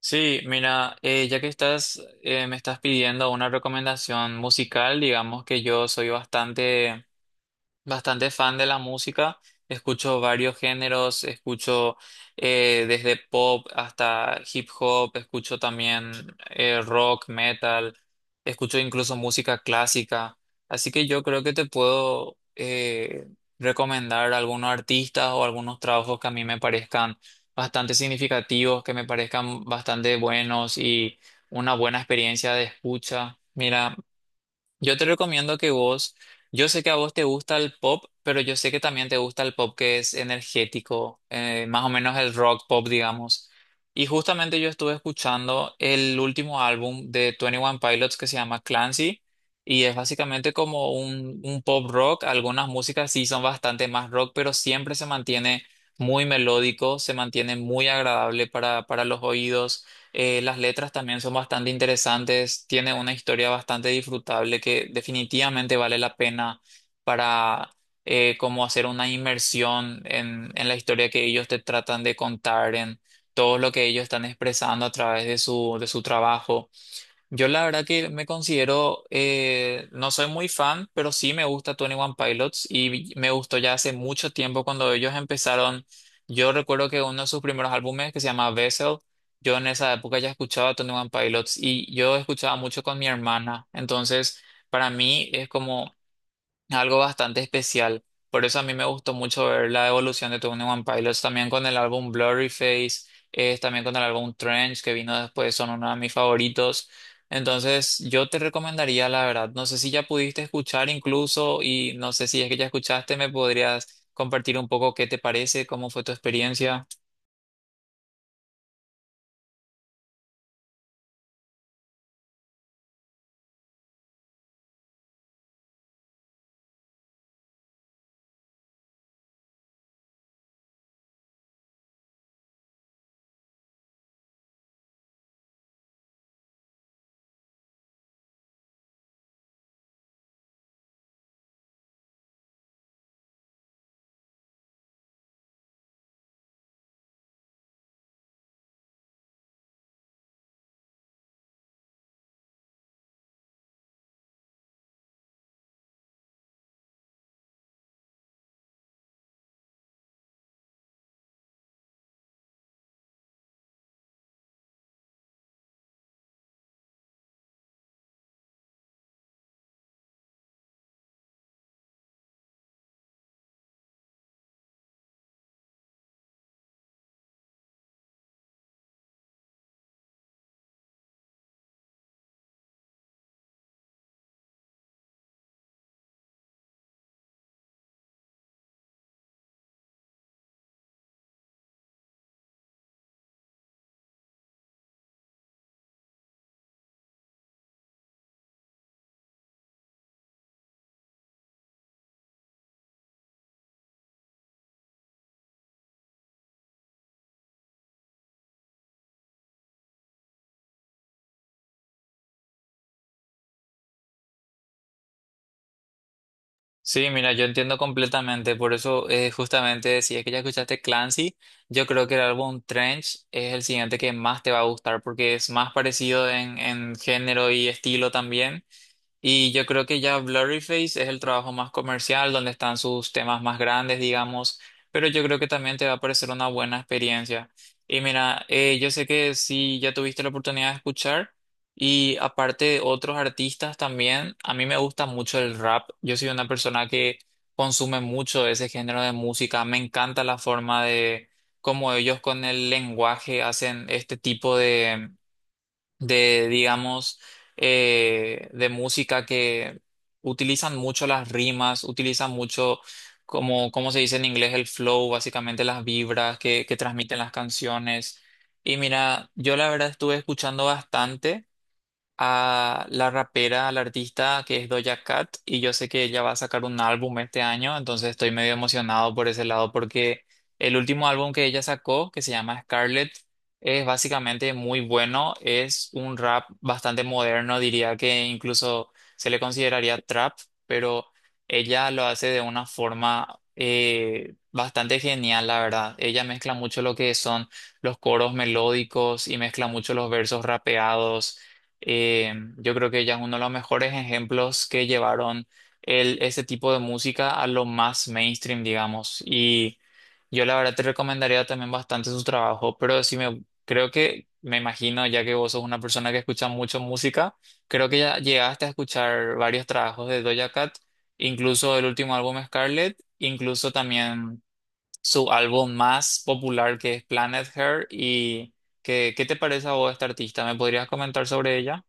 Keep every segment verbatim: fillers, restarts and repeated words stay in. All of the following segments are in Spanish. Sí, mira, eh, ya que estás, eh, me estás pidiendo una recomendación musical, digamos que yo soy bastante bastante fan de la música, escucho varios géneros, escucho eh, desde pop hasta hip hop, escucho también eh, rock, metal, escucho incluso música clásica, así que yo creo que te puedo eh, recomendar algunos artistas o algunos trabajos que a mí me parezcan bastante significativos, que me parezcan bastante buenos y una buena experiencia de escucha. Mira. Yo te recomiendo que vos, yo sé que a vos te gusta el pop, pero yo sé que también te gusta el pop que es energético, eh, más o menos el rock pop, digamos. Y justamente yo estuve escuchando el último álbum de Twenty One Pilots que se llama Clancy y es básicamente como un, un pop rock. Algunas músicas sí son bastante más rock, pero siempre se mantiene muy melódico, se mantiene muy agradable para, para los oídos. Eh, las letras también son bastante interesantes, tiene una historia bastante disfrutable que definitivamente vale la pena para eh, como hacer una inmersión en, en la historia que ellos te tratan de contar, en todo lo que ellos están expresando a través de su, de su trabajo. Yo la verdad que me considero, eh, no soy muy fan, pero sí me gusta Twenty One Pilots y vi- me gustó ya hace mucho tiempo cuando ellos empezaron. Yo recuerdo que uno de sus primeros álbumes que se llama Vessel, yo en esa época ya escuchaba Twenty One Pilots y yo escuchaba mucho con mi hermana. Entonces, para mí es como algo bastante especial. Por eso a mí me gustó mucho ver la evolución de Twenty One Pilots, también con el álbum Blurry Face, eh, también con el álbum Trench que vino después, son uno de mis favoritos. Entonces, yo te recomendaría, la verdad, no sé si ya pudiste escuchar incluso y no sé si es que ya escuchaste, me podrías compartir un poco qué te parece, cómo fue tu experiencia. Sí, mira, yo entiendo completamente, por eso eh, justamente si es que ya escuchaste Clancy, yo creo que el álbum Trench es el siguiente que más te va a gustar porque es más parecido en, en género y estilo también. Y yo creo que ya Blurryface es el trabajo más comercial, donde están sus temas más grandes, digamos, pero yo creo que también te va a parecer una buena experiencia. Y mira, eh, yo sé que si ya tuviste la oportunidad de escuchar, y aparte de otros artistas también, a mí me gusta mucho el rap. Yo soy una persona que consume mucho ese género de música, me encanta la forma de cómo ellos con el lenguaje hacen este tipo de, digamos, eh, de música que utilizan mucho las rimas, utilizan mucho, como, como se dice en inglés, el flow, básicamente las vibras que, que transmiten las canciones. Y mira, yo la verdad estuve escuchando bastante a la rapera, a la artista que es Doja Cat y yo sé que ella va a sacar un álbum este año, entonces estoy medio emocionado por ese lado porque el último álbum que ella sacó, que se llama Scarlet, es básicamente muy bueno, es un rap bastante moderno, diría que incluso se le consideraría trap, pero ella lo hace de una forma eh, bastante genial, la verdad. Ella mezcla mucho lo que son los coros melódicos y mezcla mucho los versos rapeados. Eh, yo creo que ella es uno de los mejores ejemplos que llevaron el, ese tipo de música a lo más mainstream, digamos. Y yo la verdad te recomendaría también bastante su trabajo, pero sí me creo que me imagino, ya que vos sos una persona que escucha mucho música, creo que ya llegaste a escuchar varios trabajos de Doja Cat, incluso el último álbum Scarlet, incluso también su álbum más popular que es Planet Her. ¿Y qué, qué te parece a vos esta artista? ¿Me podrías comentar sobre ella?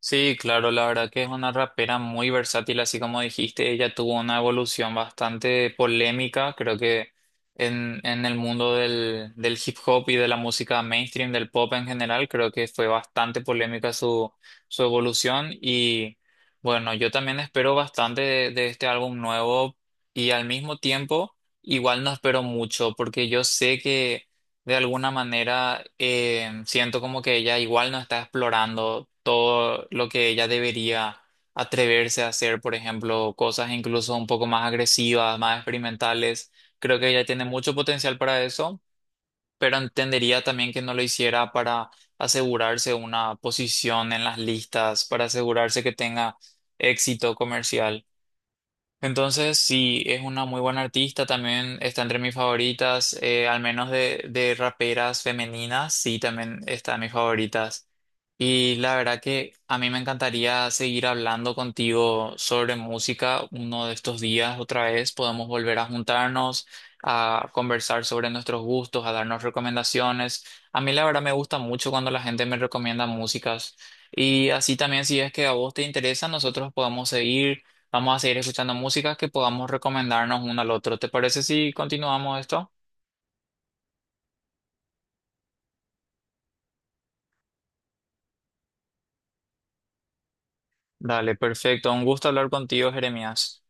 Sí, claro, la verdad que es una rapera muy versátil, así como dijiste, ella tuvo una evolución bastante polémica, creo que en, en el mundo del, del hip hop y de la música mainstream, del pop en general, creo que fue bastante polémica su, su evolución y bueno, yo también espero bastante de, de este álbum nuevo y al mismo tiempo igual no espero mucho porque yo sé que de alguna manera eh, siento como que ella igual no está explorando todo lo que ella debería atreverse a hacer, por ejemplo, cosas incluso un poco más agresivas, más experimentales. Creo que ella tiene mucho potencial para eso, pero entendería también que no lo hiciera para asegurarse una posición en las listas, para asegurarse que tenga éxito comercial. Entonces, sí, es una muy buena artista, también está entre mis favoritas, eh, al menos de, de raperas femeninas, sí, también está en mis favoritas. Y la verdad que a mí me encantaría seguir hablando contigo sobre música uno de estos días otra vez, podemos volver a juntarnos, a conversar sobre nuestros gustos, a darnos recomendaciones. A mí la verdad me gusta mucho cuando la gente me recomienda músicas. Y así también si es que a vos te interesa, nosotros podemos seguir Vamos a seguir escuchando música que podamos recomendarnos uno al otro. ¿Te parece si continuamos esto? Dale, perfecto. Un gusto hablar contigo, Jeremías.